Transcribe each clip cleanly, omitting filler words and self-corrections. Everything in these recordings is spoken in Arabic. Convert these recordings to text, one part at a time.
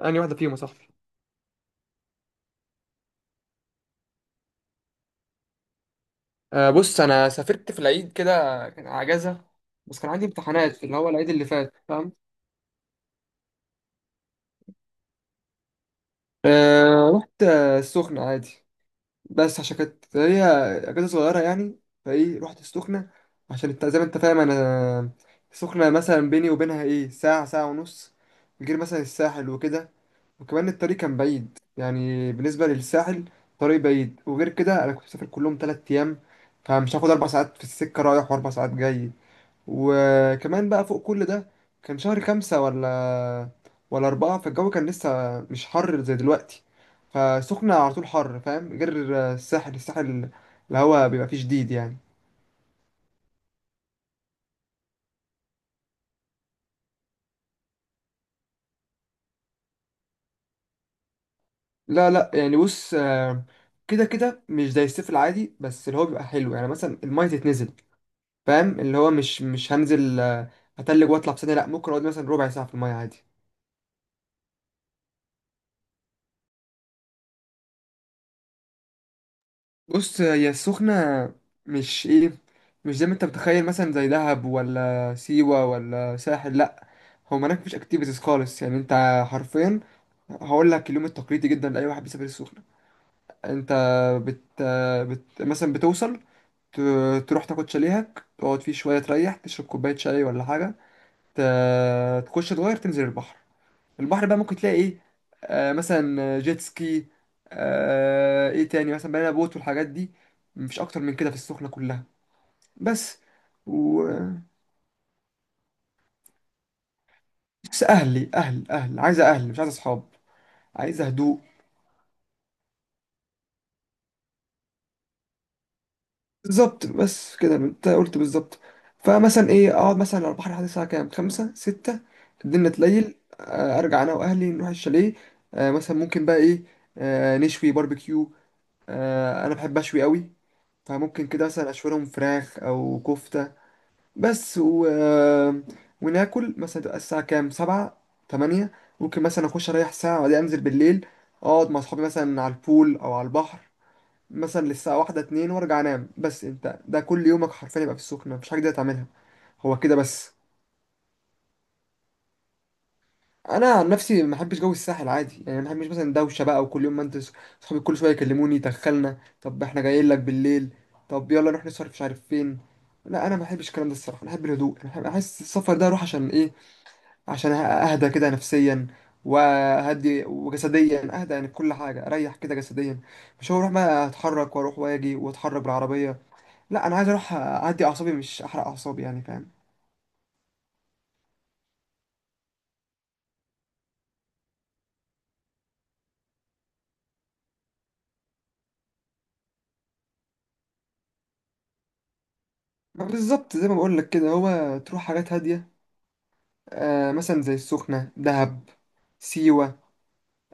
انهي واحده فيهم يا صاحبي؟ آه بص، انا سافرت في العيد كده. كان اجازه، بس كان عندي امتحانات في اللي هو العيد اللي فات، فاهم؟ آه رحت، السخنه عادي، بس عشان كانت هي اجازه صغيره يعني، فايه رحت السخنه. عشان انت زي ما انت فاهم، انا السخنه مثلا بيني وبينها ايه ساعه، ساعه ونص، غير مثلا الساحل وكده. وكمان الطريق كان بعيد يعني بالنسبه للساحل، طريق بعيد. وغير كده، انا كنت مسافر كلهم 3 ايام، فمش هاخد 4 ساعات في السكه رايح واربع ساعات جاي. وكمان بقى فوق كل ده، كان شهر خمسة ولا أربعة، فالجو كان لسه مش حر زي دلوقتي. فسخنة على طول حر، فاهم؟ غير الساحل الهوا بيبقى فيه شديد يعني. لا لا يعني، بص، كده كده مش زي الصيف العادي، بس اللي هو بيبقى حلو يعني، مثلا المية تتنزل، فاهم. اللي هو مش هنزل هتلج واطلع في ثانية، لا، ممكن اقعد مثلا ربع ساعة في المية عادي. بص، هي السخنة مش ايه، مش زي ما انت متخيل، مثلا زي دهب ولا سيوة ولا ساحل، لا. هو هناك مفيش اكتيفيتيز خالص يعني. انت حرفيا هقول لك اليوم التقليدي جدا لأي واحد بيسافر السخنة. انت بت, مثلا بتوصل، ت... تروح تاخد شاليهك، تقعد فيه شوية تريح، تشرب كوباية شاي ولا حاجة، ت... تخش تغير تنزل البحر. البحر بقى ممكن تلاقي ايه؟ آه مثلا جيت سكي، آه ايه تاني مثلا بنانا بوت والحاجات دي. مفيش اكتر من كده في السخنة كلها، بس. و بس اهلي اهل اهل عايزة، اهل مش عايزة اصحاب، عايزة هدوء. بالظبط، بس كده انت قلت بالظبط. فمثلا ايه، اقعد مثلا على البحر لحد الساعة كام، خمسة ستة، الدنيا تليل، آه ارجع انا واهلي نروح الشاليه. آه مثلا ممكن بقى ايه، آه نشوي باربيكيو. آه انا بحب اشوي قوي، فممكن كده مثلا اشويلهم فراخ او كفتة. بس و... وناكل، مثلا تبقى الساعة كام، سبعة تمانية. ممكن مثلا اخش اريح ساعة وبعدين انزل بالليل، اقعد مع اصحابي مثلا على البول او على البحر مثلا للساعة واحدة اتنين، وارجع انام. بس انت ده كل يومك حرفيا يبقى في السخنة، مفيش حاجة تقدر تعملها. هو كده بس. انا عن نفسي ما بحبش جو الساحل عادي، يعني ما بحبش مثلا دوشه بقى، وكل يوم ما انت، صحابي كل شويه يكلموني دخلنا، طب احنا جايين لك بالليل، طب يلا نروح نصرف مش عارف فين، لا انا ما بحبش الكلام ده الصراحه. انا بحب الهدوء. انا احس السفر ده اروح عشان ايه، عشان اهدى كده نفسيا، وهدي وجسديا اهدى، يعني كل حاجه اريح كده جسديا، مش هروح بقى اتحرك واروح واجي واتحرك بالعربيه. لا، انا عايز اروح اعدي اعصابي مش احرق اعصابي يعني، فاهم. ما بالظبط زي ما بقول لك كده، هو تروح حاجات هاديه، آه مثلا زي السخنة، دهب، سيوة.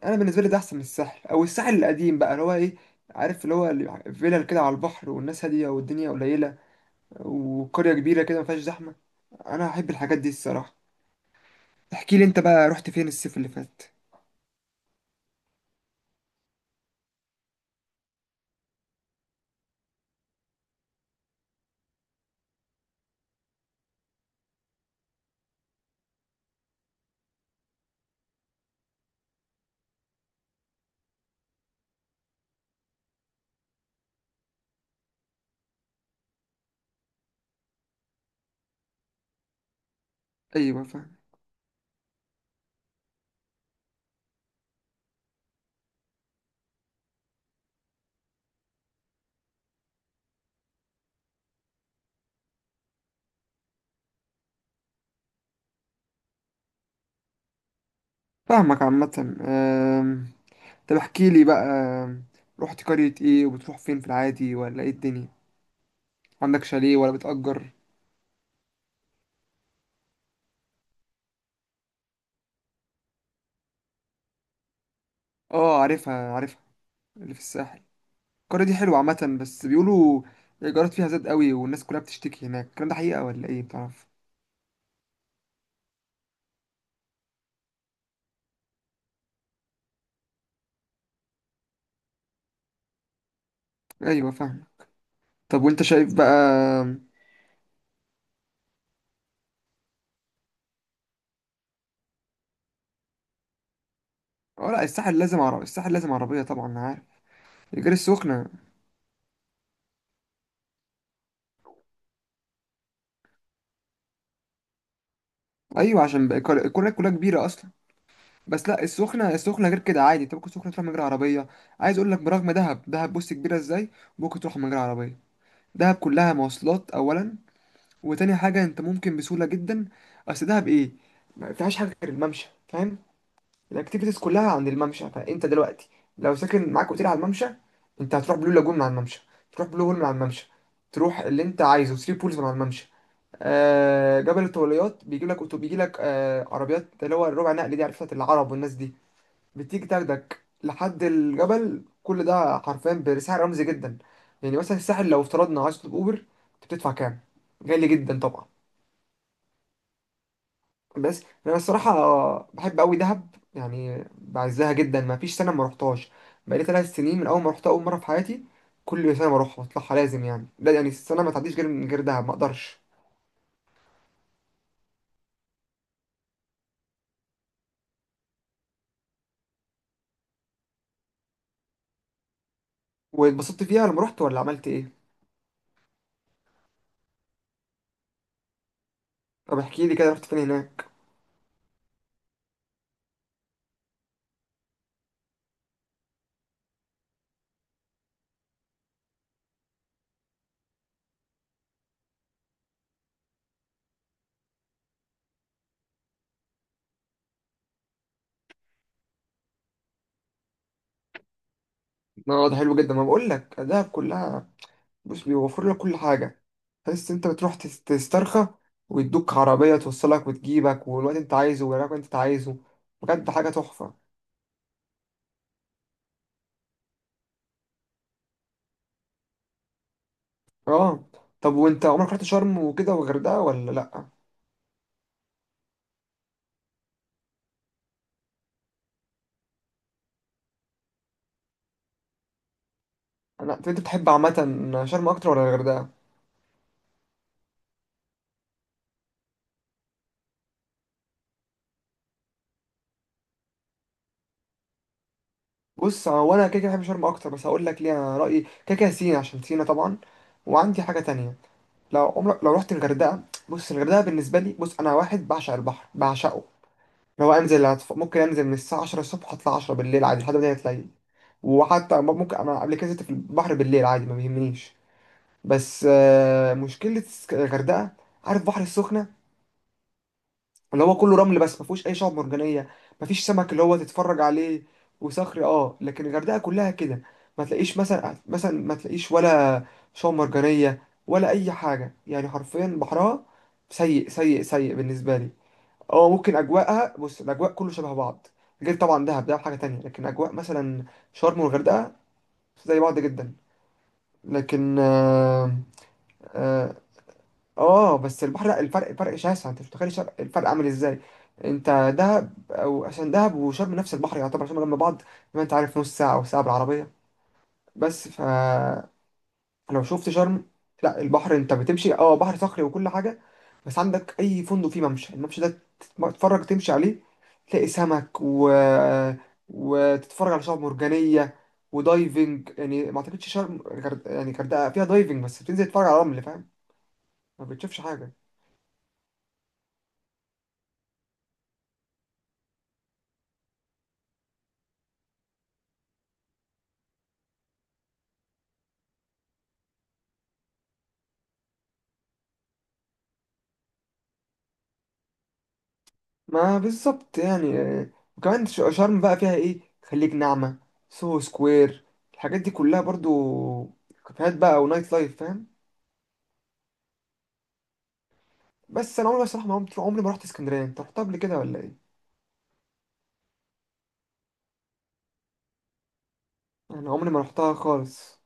أنا بالنسبة لي ده أحسن من الساحل، أو الساحل القديم بقى اللي هو إيه، عارف، اللي هو فيلل كده على البحر والناس هادية والدنيا قليلة، وقرية كبيرة كده مفيهاش زحمة. أنا أحب الحاجات دي الصراحة. احكي لي أنت بقى، رحت فين الصيف اللي فات؟ أيوة فاهم. فاهمك عامة، طب احكي لي بقى، رحت قرية إيه، وبتروح فين في العادي ولا إيه الدنيا؟ عندك شاليه ولا بتأجر؟ آه عارفها عارفها اللي في الساحل. القرية دي حلوة عامة، بس بيقولوا الإيجارات فيها زاد قوي والناس كلها بتشتكي هناك، الكلام ده حقيقة ولا إيه بتعرف؟ أيوة فاهم. طب وأنت شايف بقى. اه لا، الساحل لازم عربية، الساحل لازم عربية طبعا أنا عارف. غير السخنة. أيوة عشان بقى القرية كلها كبيرة أصلا. بس لا، السخنة غير كده عادي، أنت ممكن السخنة تروح من غير عربية. عايز أقول لك برغم دهب بص كبيرة إزاي، ممكن تروح من غير عربية. دهب كلها مواصلات أولا، وتاني حاجة أنت ممكن بسهولة جدا، أصل دهب إيه، ما فيهاش حاجة غير الممشى، فاهم. الاكتيفيتيز كلها عند الممشى، فانت دلوقتي لو ساكن معاك اوتيل على الممشى، انت هتروح بلو لاجون من على الممشى، تروح بلو هول من على الممشى، تروح اللي انت عايزه ثري بولز من على الممشى. آه جبل الطوليات بيجي لك بيجي لك آه عربيات، اللي هو الربع نقل دي، عرفت العرب والناس دي، بتيجي تاخدك لحد الجبل، كل ده حرفيا بسعر رمزي جدا. يعني مثلا الساحل لو افترضنا عايز تطلب اوبر، انت بتدفع كام؟ غالي جدا طبعا. بس انا الصراحه بحب قوي دهب، يعني بعزها جدا، ما فيش سنه ما روحتهاش، بقالي 3 سنين من اول ما روحتها اول مره في حياتي، كل سنه بروحها بطلعها لازم، يعني لا يعني السنه ما تعديش غير من غير دهب ما اقدرش. واتبسطت فيها لما رحت ولا عملت ايه؟ طب احكي لي كده، رحت فين هناك؟ اه ده حلو جدا، ما بقول لك دهب كلها بص بيوفر لك كل حاجه، تحس انت بتروح تسترخى، ويدوك عربيه توصلك وتجيبك والوقت انت عايزه والوقت انت عايزه، بجد حاجه تحفه. اه طب وانت عمرك رحت شرم وكده والغردقه ولا لا؟ انا انت بتحب عامه شرم اكتر ولا الغردقه؟ بص، هو انا كده كده بحب شرم اكتر، بس هقول لك ليه، انا رايي كده كده سينا، عشان سينا طبعا. وعندي حاجه تانية، لو عمرك لو رحت الغردقه. بص الغردقه بالنسبه لي، بص انا واحد بعشق البحر، بعشقه، لو انزل ممكن انزل من الساعه 10 الصبح اطلع 10 بالليل عادي لحد ما تلاقي. وحتى ممكن انا قبل كده نزلت في البحر بالليل عادي، ما بيهمنيش. بس مشكله الغردقه، عارف بحر السخنه، اللي هو كله رمل، بس ما فيهوش اي شعاب مرجانيه، ما فيش سمك اللي هو تتفرج عليه، وصخري اه. لكن الغردقه كلها كده، ما تلاقيش مثلا ما تلاقيش ولا شعاب مرجانيه ولا اي حاجه، يعني حرفيا بحرها سيء سيء سيء بالنسبه لي. اه ممكن اجواءها، بص الاجواء كله شبه بعض، غير طبعا دهب حاجه تانية، لكن اجواء مثلا شرم والغردقه زي بعض جدا. لكن آه، آه، اه بس البحر لا، الفرق فرق شاسع، انت مش متخيل الفرق عامل ازاي. انت دهب او عشان دهب وشرم نفس البحر يعتبر، عشان جنب بعض زي ما انت عارف نص ساعه او ساعه بالعربيه، بس ف لو شفت شرم، لا البحر انت بتمشي اه بحر صخري وكل حاجه، بس عندك اي فندق فيه ممشى، الممشى ده تتفرج تمشي عليه، تلاقي سمك وتتفرج على شعاب مرجانيه، ودايفنج يعني، ما اعتقدش شرم يعني غردقه فيها دايفنج، بس بتنزل تتفرج على رمل فاهم، ما بتشوفش حاجه. ما بالظبط يعني، وكمان شرم بقى فيها ايه، خليج نعمة، سوهو سكوير، الحاجات دي كلها برضو، كافيهات بقى ونايت لايف فاهم. بس انا عمري بصراحة، ما عمري عمري ما رحت اسكندرية، انت رحتها قبل كده ولا ايه؟ انا عمري ما رحتها خالص.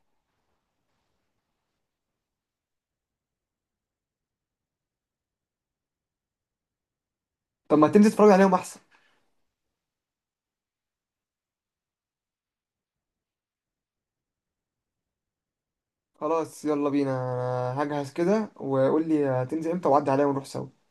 طب ما تنزل تتفرج عليهم احسن. خلاص يلا بينا، أنا هجهز كده، وقول لي هتنزل امتى وعدي عليا ونروح سوا.